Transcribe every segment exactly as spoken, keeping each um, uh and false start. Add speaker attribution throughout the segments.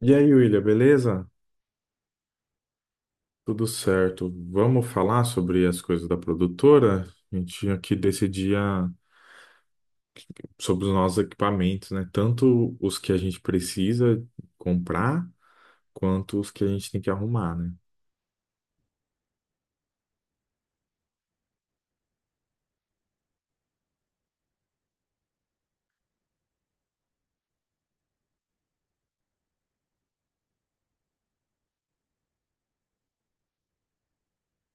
Speaker 1: E aí, William, beleza? Tudo certo. Vamos falar sobre as coisas da produtora? A gente tinha que decidir a- sobre os nossos equipamentos, né? Tanto os que a gente precisa comprar, quanto os que a gente tem que arrumar, né?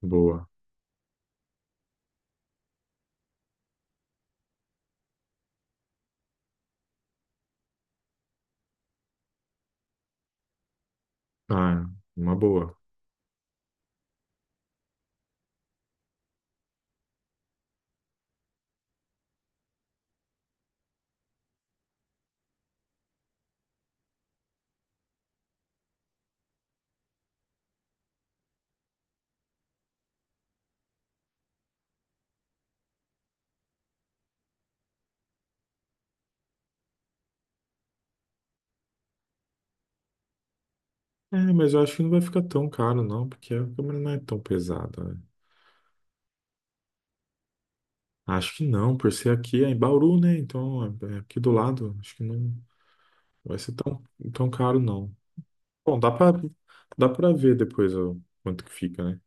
Speaker 1: Boa. Ah, uma boa. É, mas eu acho que não vai ficar tão caro, não, porque a câmera não é tão pesada, né? Acho que não, por ser aqui é em Bauru, né? Então, é é aqui do lado, acho que não vai ser tão, tão caro, não. Bom, dá pra, dá pra ver depois o quanto que fica, né?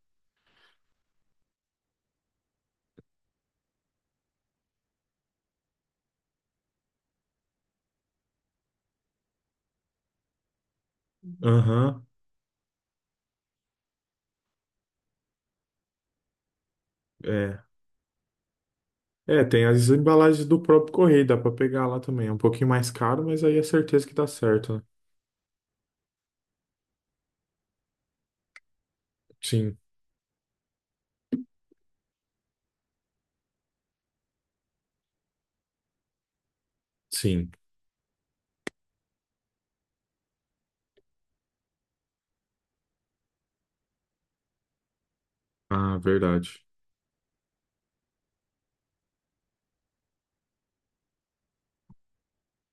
Speaker 1: Aham, é. É, tem as embalagens do próprio correio, dá pra pegar lá também. É um pouquinho mais caro, mas aí é certeza que dá certo, né? Sim, sim. Ah, verdade.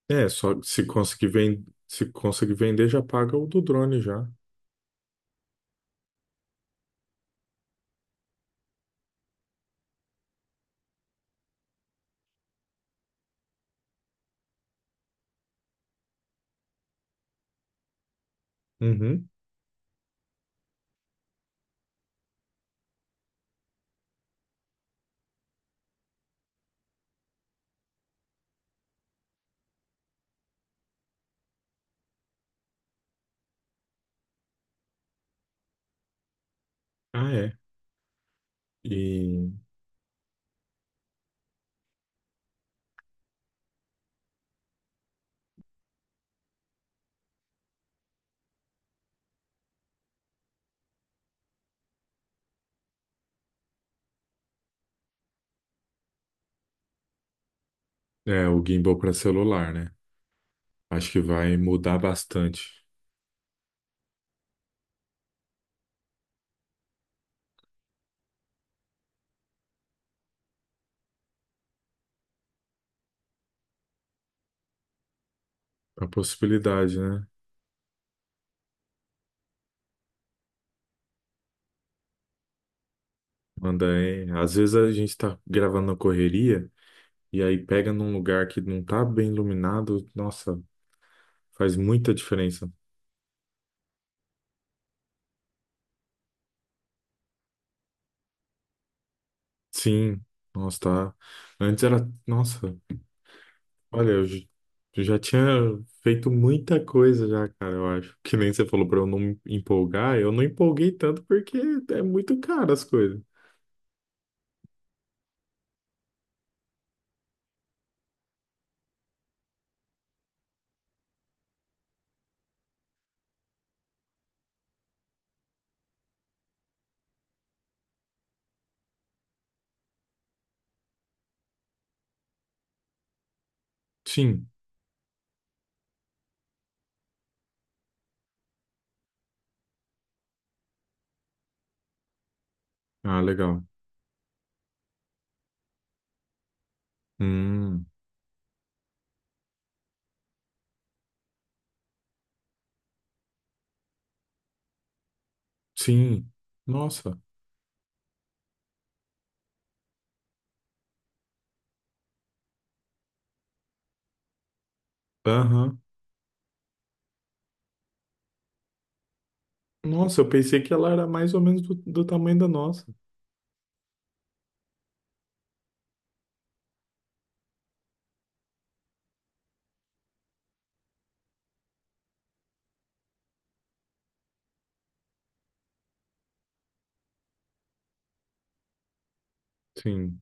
Speaker 1: É, só se conseguir vender, se conseguir vender, já paga o do drone já. Uhum. Ah, é. E é o gimbal para celular, né? Acho que vai mudar bastante a possibilidade, né? Manda aí. Às vezes a gente tá gravando na correria, e aí pega num lugar que não tá bem iluminado, nossa, faz muita diferença. Sim, nossa, tá. Antes era, nossa, olha, eu j- eu já tinha feito muita coisa já, cara, eu acho. Que nem você falou pra eu não me empolgar, eu não empolguei tanto porque é muito caro as coisas. Sim. Ah, legal. Hum, sim. Nossa. Aham. Nossa, eu pensei que ela era mais ou menos do, do tamanho da nossa. Sim.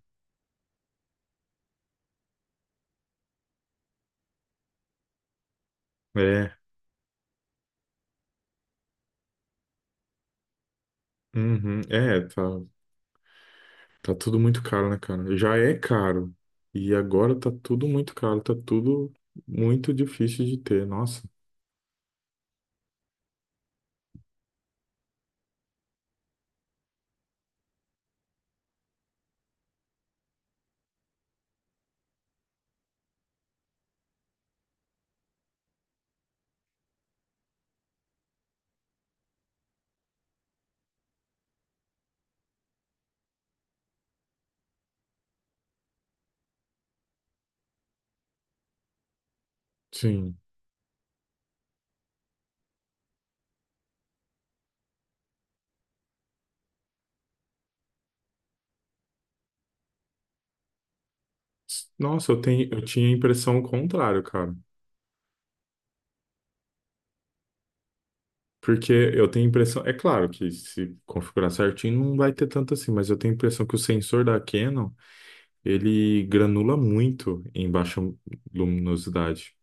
Speaker 1: É. Uhum. É, tá. Tá tudo muito caro, né, cara? Já é caro. E agora tá tudo muito caro, tá tudo muito difícil de ter. Nossa, sim. Nossa, eu tenho, eu tinha a impressão contrária, cara. Porque eu tenho a impressão, é claro que se configurar certinho não vai ter tanto assim, mas eu tenho a impressão que o sensor da Canon, ele granula muito em baixa luminosidade.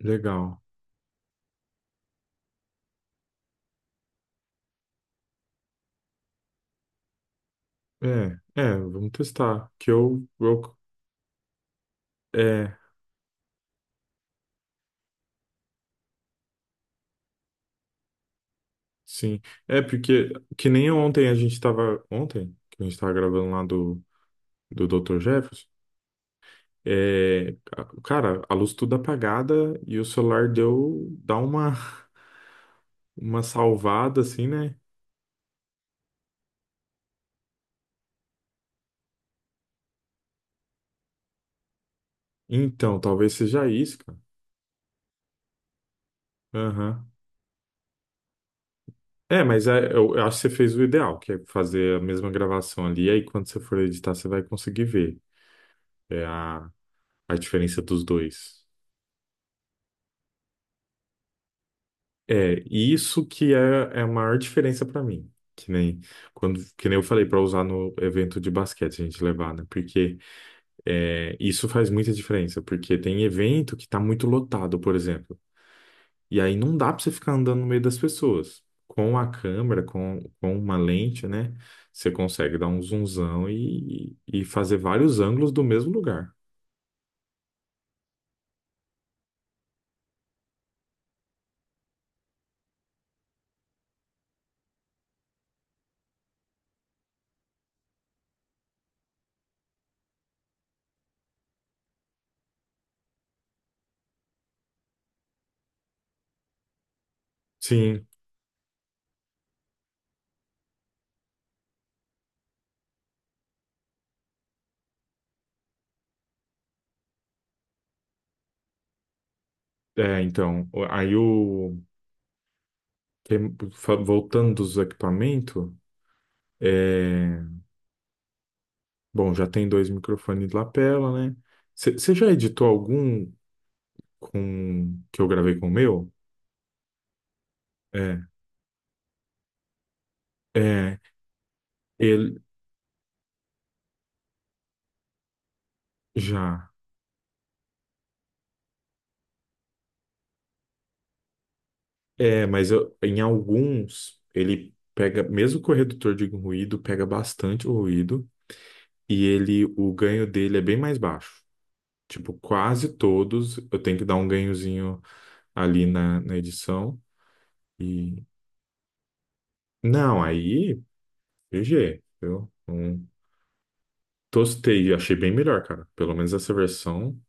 Speaker 1: Legal. É, é, vamos testar. Que eu, eu- é, Sim, é porque que nem ontem a gente estava ontem que a gente estava gravando lá do do doutor Jefferson, é, a- cara, a luz tudo apagada e o celular deu dá uma uma salvada assim, né? Então, talvez seja isso, cara. Aham. É, mas é, eu, eu acho que você fez o ideal, que é fazer a mesma gravação ali, e aí quando você for editar, você vai conseguir ver é, a, a diferença dos dois. É, e isso que é, é a maior diferença para mim. Que nem, quando, que nem eu falei para usar no evento de basquete, a gente levar, né? Porque é, isso faz muita diferença. Porque tem evento que tá muito lotado, por exemplo. E aí não dá para você ficar andando no meio das pessoas. Com a câmera, com, com uma lente, né? Você consegue dar um zoomzão e, e fazer vários ângulos do mesmo lugar. Sim, é, então. Aí o. que- fa- Voltando dos equipamentos. É, bom, já tem dois microfones de lapela, né? Você já editou algum com que eu gravei com o meu? É, é, ele já. É, mas eu- em alguns ele pega, mesmo com o redutor de ruído, pega bastante o ruído e ele, o ganho dele é bem mais baixo. Tipo, quase todos eu tenho que dar um ganhozinho ali na, na edição e não, aí g G, eu não tostei, achei bem melhor, cara. Pelo menos essa versão.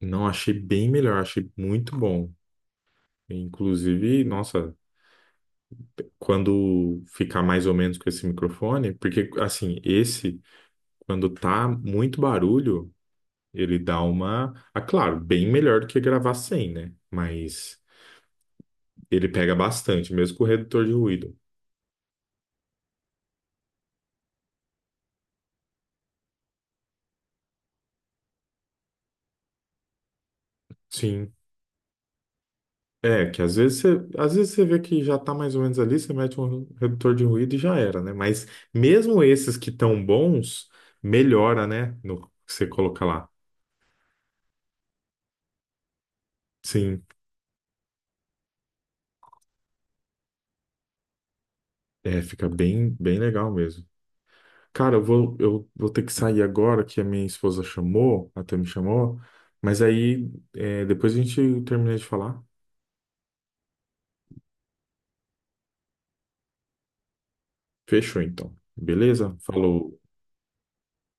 Speaker 1: Não, achei bem melhor, achei muito bom. Inclusive, nossa, quando ficar mais ou menos com esse microfone, porque assim, esse, quando tá muito barulho, ele dá uma. Ah, claro, bem melhor do que gravar sem, né? Mas ele pega bastante, mesmo com o redutor de ruído. Sim. É, que às vezes você, às vezes você vê que já tá mais ou menos ali, você mete um redutor de ruído e já era, né? Mas mesmo esses que tão bons, melhora, né? No que você coloca lá. Sim. É, fica bem, bem legal mesmo. Cara, eu vou, eu vou ter que sair agora, que a minha esposa chamou, até me chamou, mas aí é, depois a gente termina de falar. Fechou então. Beleza? Falou.